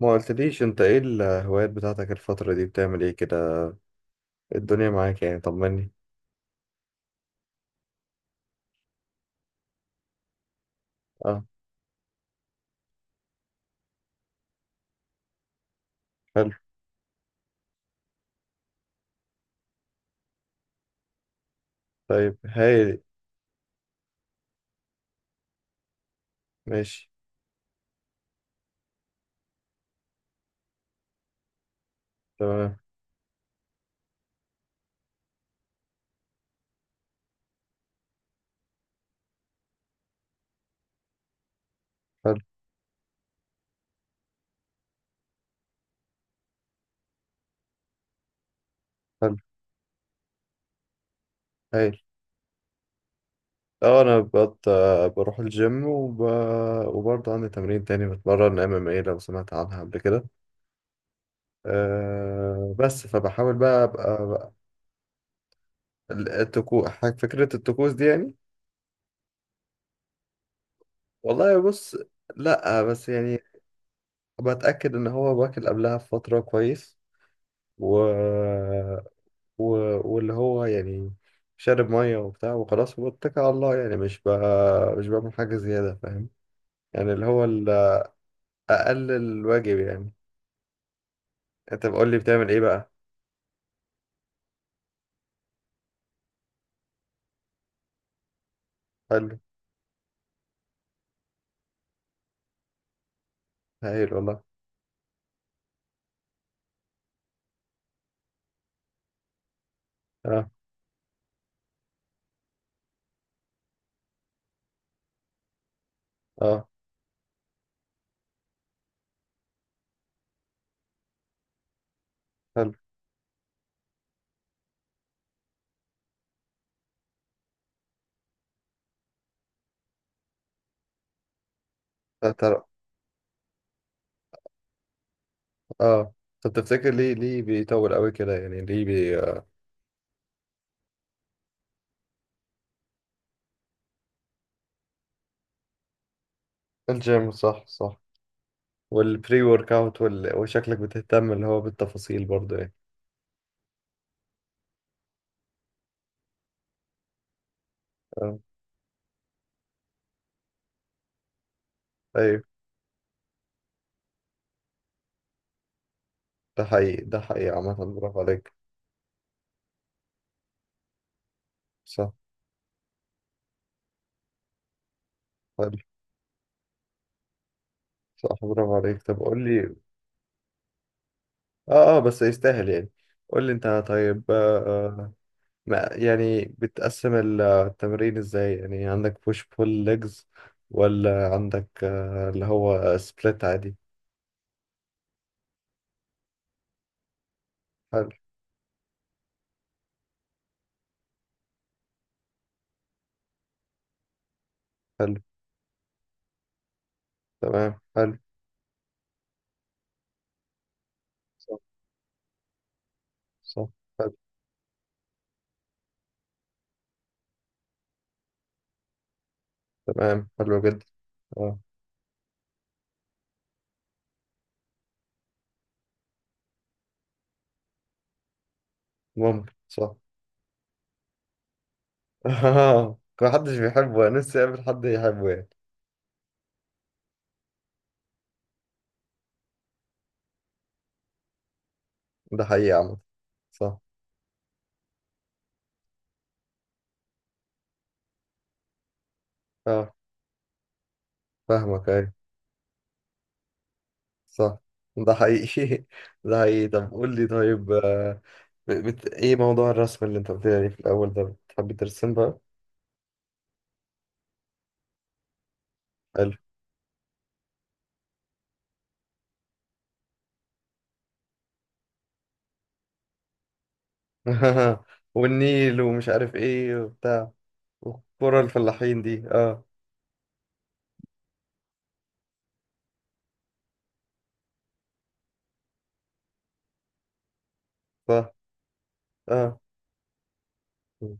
ما قلتليش انت، ايه الهوايات بتاعتك الفترة دي؟ بتعمل ايه كده؟ الدنيا معاك يعني؟ طمني. اه. حلو. طيب، هايل. ماشي. تمام. حلو. حلو. هايل. اه، انا بقت بروح الجيم وبرضه عندي تمرين تاني، بتمرن ام ام اي، لو سمعت عنها قبل كده. أه، بس فبحاول بقى التكو... فكرة الطقوس دي يعني. والله، بص. لا، بس يعني، بتأكد ان هو باكل قبلها بفترة كويس. و و... واللي هو يعني شارب ميه وبتاع وخلاص واتكل على الله يعني، مش بعمل حاجه زياده، فاهم. يعني اللي هو اقل الواجب يعني. انت بقول لي بتعمل ايه بقى؟ حلو. هايل والله. اه، اه. حلو. آه، ترى. اه. طب تفتكر، ليه بيطول قوي كده يعني؟ ليه بي آه، الجيم، صح، صح. والبري ورك اوت وشكلك بتهتم اللي هو بالتفاصيل برضه يعني. اه، ايوه. ده حقيقي، ده حقيقي عامة، برافو عليك. صح. حلو. صح، برافو عليك. طب قول لي، اه، اه، بس يستاهل يعني. قول لي انت، طيب. ما يعني، بتقسم التمرين ازاي يعني؟ عندك بوش بول ليجز، ولا عندك اللي هو سبليت عادي؟ حلو. حلو. تمام. حلو. صح، صح. حلو. تمام، حلو جدا. اه. ممكن، صح. اه، محدش بيحبه، انا نفسي اقابل حد يحبه يعني. ده حقيقي عامة. صح. اه. فاهمك، ايوه. صح. ده حقيقي. ده حقيقي. طب قول لي طيب. ايه موضوع الرسم اللي انت قلت لي عليه في الاول ده؟ بتحب ترسم بقى؟ حلو. والنيل ومش عارف ايه وبتاع، وكرة الفلاحين دي، اه. صح. اه. مم.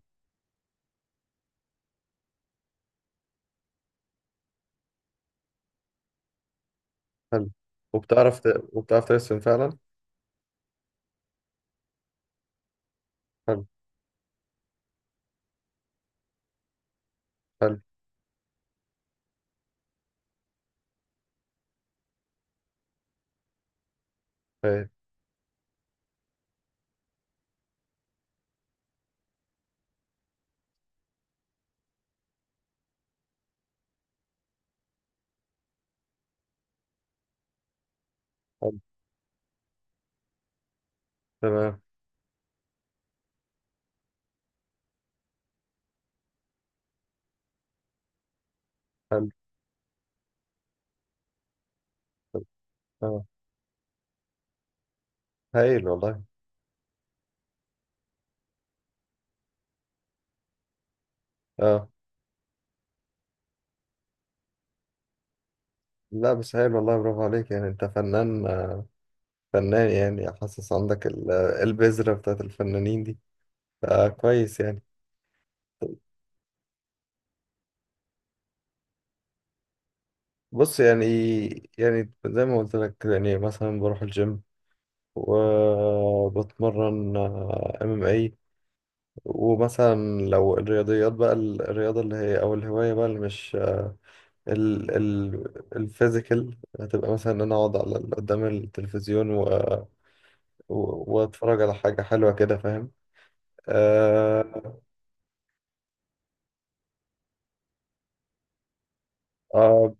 حلو. وبتعرف وبتعرف ترسم فعلا؟ حلو. حلو. هايل. حلو. تمام. حلو. حلو. اه. هايل والله. اه. لا، بس هايل والله، برافو عليك يعني، انت فنان. فنان يعني، حاسس عندك البذرة بتاعت الفنانين دي. آه، كويس يعني. بص يعني، يعني زي ما قلت لك، يعني مثلا بروح الجيم، وبتمرن ام ام اي. ومثلا لو الرياضيات بقى الرياضة اللي هي، او الهواية بقى، اللي مش ال ال الفيزيكال، هتبقى مثلا ان انا اقعد على قدام التلفزيون واتفرج على حاجة حلوة كده، فاهم. آه. آه،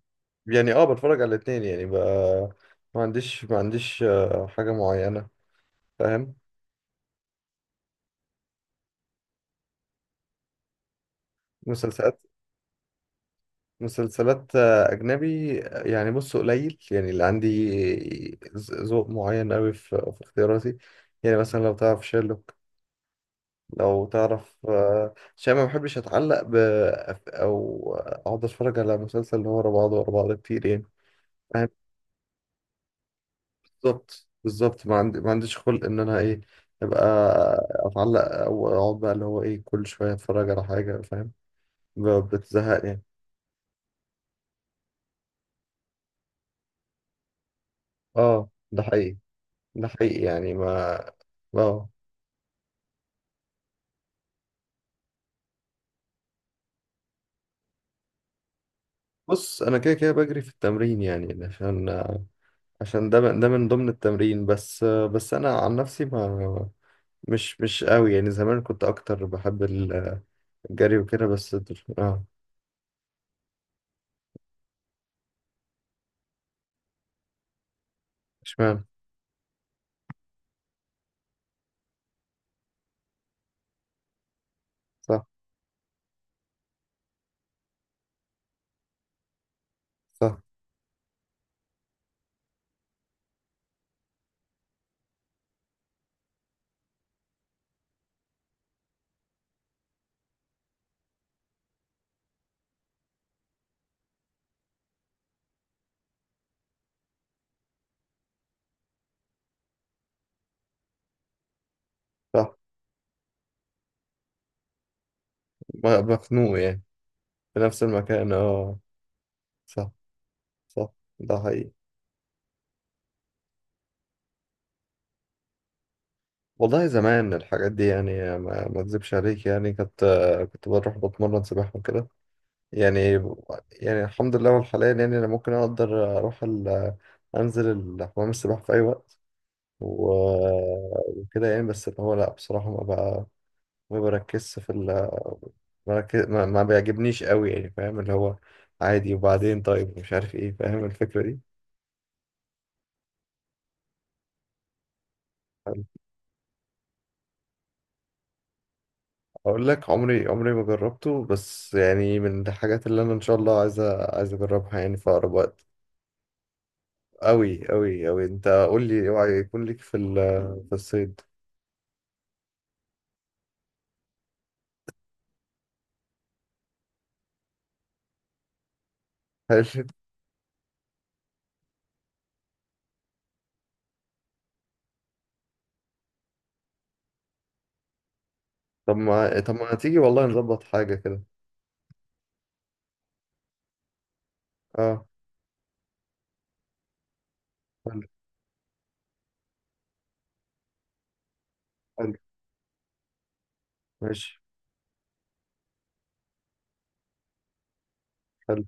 يعني اه، بتفرج على الاتنين يعني بقى. ما عنديش حاجة معينة، فاهم. مسلسلات مسلسلات أجنبي، يعني بص، قليل يعني اللي عندي. ذوق معين أوي في اختياراتي، يعني مثلا لو تعرف شيرلوك، لو تعرف. عشان ما بحبش أتعلق أو أقعد أتفرج على مسلسل اللي هو ورا بعضه ورا بعضه كتير يعني، فاهم. بالظبط، بالظبط. ما عنديش خلق إن أنا إيه، أبقى أتعلق، أو أقعد بقى اللي هو إيه، كل شوية أتفرج على حاجة، فاهم. ب- بتزهق يعني. آه، ده حقيقي. ده حقيقي يعني. ما اه. بص، انا كده كده بجري في التمرين يعني، عشان ده من ضمن التمرين، بس انا عن نفسي، ما مش قوي يعني، زمان كنت اكتر بحب الجري وكده، بس اه. اشمعنى؟ صح. صح. صح. مخنوق يعني، في نفس المكان، اه. صح. صح. ده حقيقي. والله زمان الحاجات دي يعني، ما اكذبش عليك يعني، كنت بروح بتمرن سباحة وكده يعني. يعني الحمد لله، والحاليا يعني انا ممكن اقدر اروح انزل حمام السباحه في اي وقت و... وكده يعني، بس اللي هو لا بصراحه ما بقى، ما بركزش في بركز... ما... ما بيعجبنيش قوي يعني، فاهم، اللي هو عادي. وبعدين طيب مش عارف ايه، فاهم الفكره دي. اقول لك، عمري ما جربته، بس يعني من الحاجات اللي انا ان شاء الله عايز عايز اجربها يعني في اقرب وقت. قوي قوي قوي. انت قول لي، اوعى يكون ليك في في الصيد؟ هل طب ما تيجي والله نظبط حاجة كده. اه. حلو. حلو. ماشي. حلو.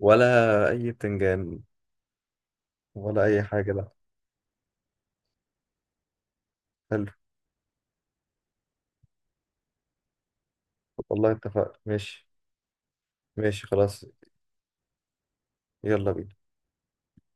ولا أي بتنجان، ولا أي حاجة، لا. حلو. والله، اتفقنا. ماشي. ماشي، خلاص. يلا بينا.